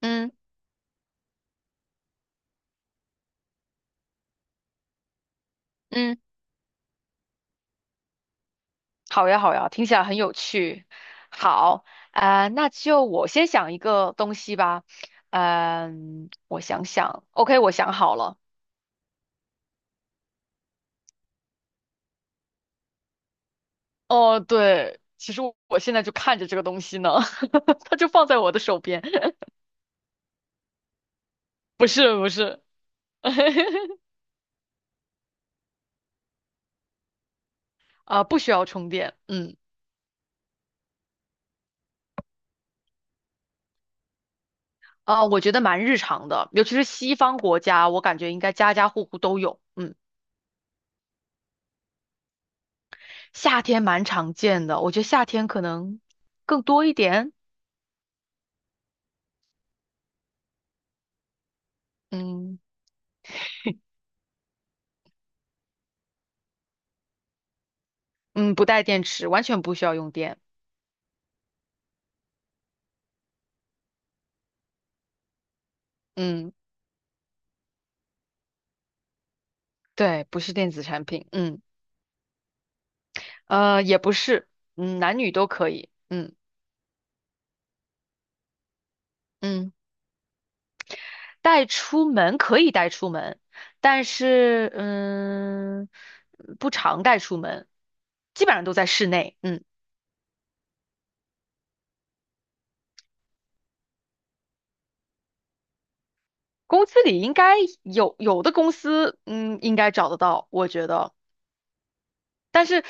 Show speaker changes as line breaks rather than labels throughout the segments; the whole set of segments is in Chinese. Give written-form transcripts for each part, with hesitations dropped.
嗯嗯，好呀好呀，听起来很有趣。好，那就我先想一个东西吧。我想想，OK，我想好了。哦，对，其实我现在就看着这个东西呢，它就放在我的手边。不是不是，不需要充电。嗯，我觉得蛮日常的，尤其是西方国家，我感觉应该家家户户都有。嗯，夏天蛮常见的，我觉得夏天可能更多一点。嗯。嗯，不带电池，完全不需要用电。嗯，对，不是电子产品。嗯，也不是，嗯，男女都可以。嗯嗯，带出门可以带出门，但是不常带出门，基本上都在室内。嗯，公司里应该有的公司，嗯，应该找得到，我觉得。但是。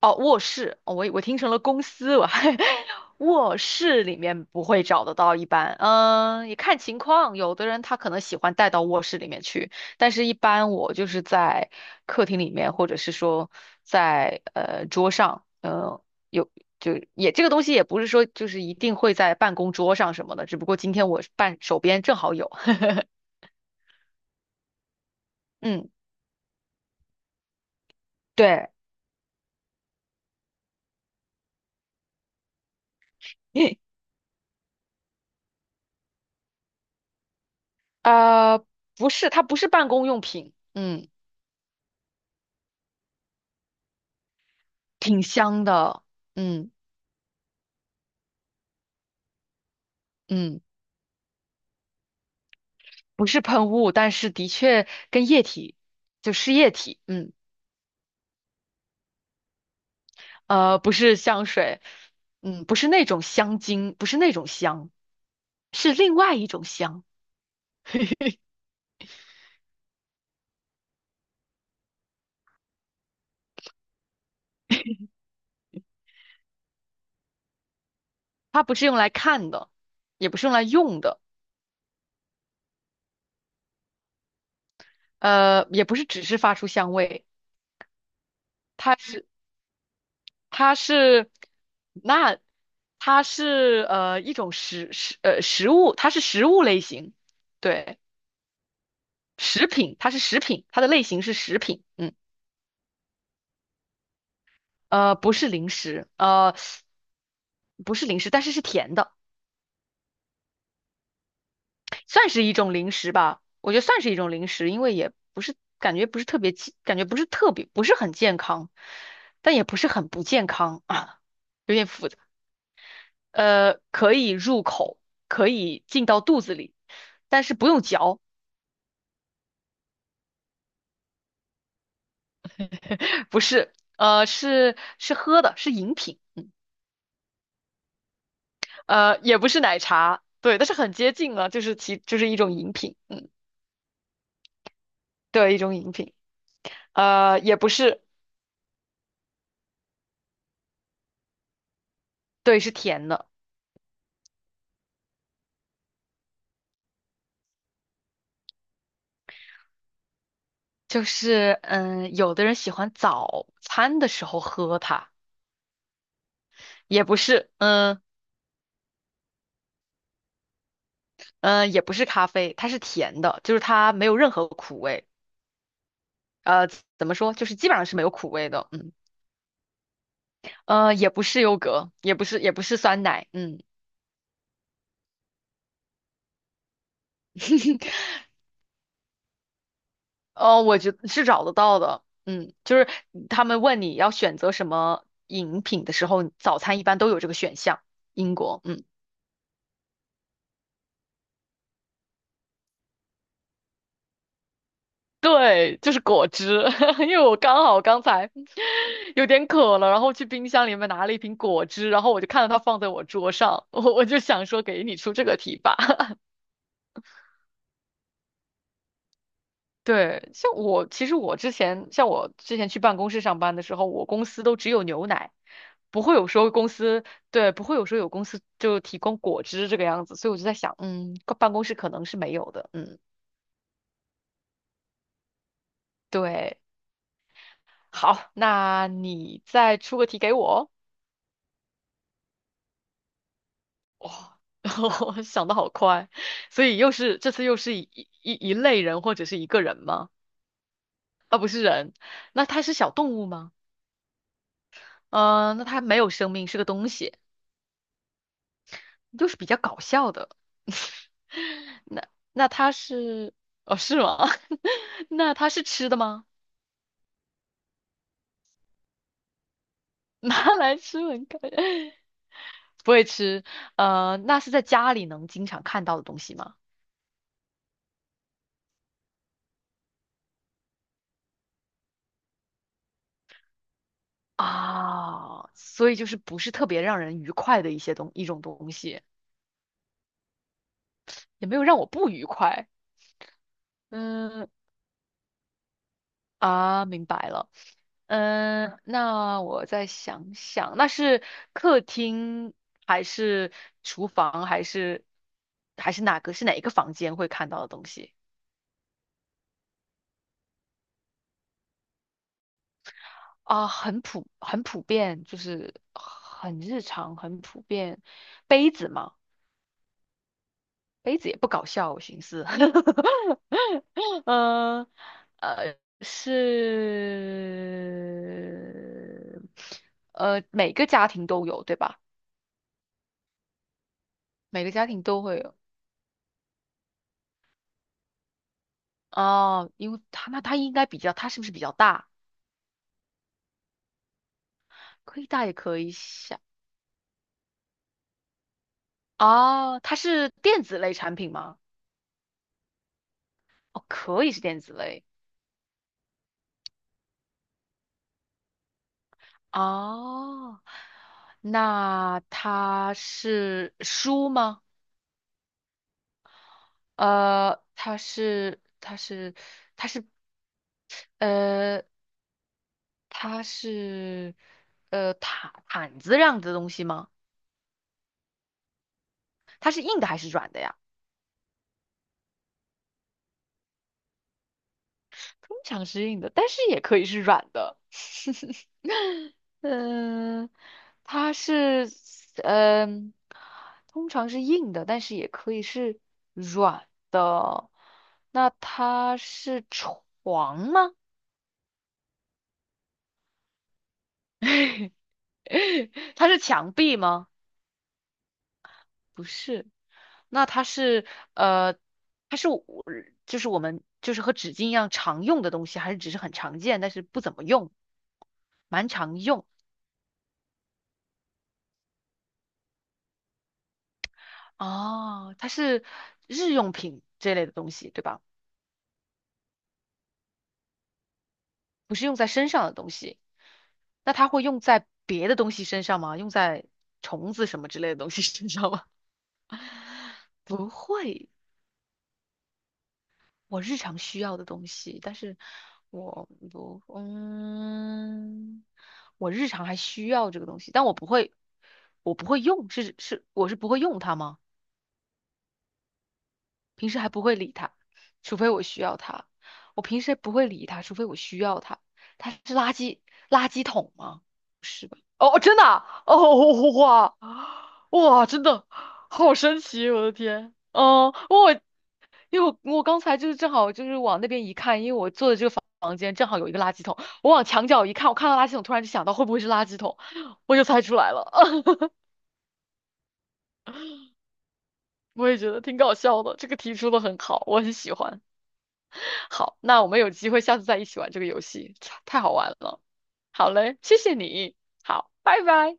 哦，卧室，哦我听成了公司，我还 卧室里面不会找得到，一般，嗯，也看情况，有的人他可能喜欢带到卧室里面去，但是一般我就是在客厅里面，或者是说在桌上，有也这个东西也不是说就是一定会在办公桌上什么的，只不过今天我办手边正好有，嗯，对，呃，不是，它不是办公用品，嗯，挺香的，嗯。嗯，不是喷雾，但是的确跟液体，就是液体，嗯，不是香水，嗯，不是那种香精，不是那种香，是另外一种香，它不是用来看的，也不是用来用的，也不是只是发出香味，它是，那它是一种食物，它是食物类型，对，食品，它是食品，它的类型是食品，嗯。不是零食，不是零食，但是是甜的，算是一种零食吧。我觉得算是一种零食，因为也不是感觉不是特别不是很健康，但也不是很不健康啊，有点复杂。可以入口，可以进到肚子里，但是不用嚼，不是，是喝的，是饮品，也不是奶茶，对，但是很接近了，就是其就是一种饮品，嗯，对，一种饮品。也不是，对，是甜的，就是嗯，有的人喜欢早餐的时候喝它，也不是，嗯嗯，也不是咖啡，它是甜的，就是它没有任何苦味，呃，怎么说，就是基本上是没有苦味的，嗯，也不是优格，也不是酸奶，嗯，哦，我觉得是找得到的，嗯，就是他们问你要选择什么饮品的时候，早餐一般都有这个选项，英国，嗯。对，就是果汁，因为我刚好刚才有点渴了，然后去冰箱里面拿了一瓶果汁，然后我就看到它放在我桌上，我就想说给你出这个题吧。对，其实我之前像我之前去办公室上班的时候，我公司都只有牛奶，不会有说公司对不会有说有公司就提供果汁这个样子，所以我就在想，嗯，办公室可能是没有的，嗯，对，好，那你再出个题给我。哇，我想的好快，所以又是一类人或者是一个人吗？那它是小动物吗？嗯，那它没有生命，是个东西，又是比较搞笑的。那那它是哦是吗？那它是吃的吗？拿来吃很开，不会吃。那是在家里能经常看到的东西吗？啊，所以就是不是特别让人愉快的一种东西，也没有让我不愉快。嗯，啊，明白了。嗯，那我再想想，那是客厅还是厨房还是哪个是哪一个房间会看到的东西啊？很普遍，就是很日常很普遍。杯子嘛，杯子也不搞笑，我寻思。嗯呃，是每个家庭都有，对吧？每个家庭都会有。哦，因为它那它应该比较，它是不是比较大？可以大也可以小。哦，它是电子类产品吗？哦，可以是电子类。哦，那它是书吗？呃，它是它是它是呃它是毯子这样子的东西吗？它是硬的还是软的呀？通常是硬的，但是也可以是软的。嗯，它是嗯，通常是硬的，但是也可以是软的。那它是床吗？它是墙壁吗？不是。那它是呃，它是我就是我们就是和纸巾一样常用的东西，还是只是很常见，但是不怎么用，常用？哦，它是日用品这类的东西，对吧？不是用在身上的东西，那它会用在别的东西身上吗？用在虫子什么之类的东西身上吗？不会，我日常需要的东西，但是我不，嗯，我日常还需要这个东西，但我不会，我不会用，我是不会用它吗？平时还不会理他，除非我需要他。我平时不会理他，除非我需要他。他是垃圾桶吗？不是吧？哦，真的啊哦，哇哇，真的好神奇，我的天！嗯，我因为我刚才就是正好就是往那边一看，因为我坐的这个房间正好有一个垃圾桶，我往墙角一看，我看到垃圾桶，突然就想到会不会是垃圾桶，我就猜出来了。我也觉得挺搞笑的，这个提出的很好，我很喜欢。好，那我们有机会下次再一起玩这个游戏，太好玩了。好嘞，谢谢你，好，拜拜。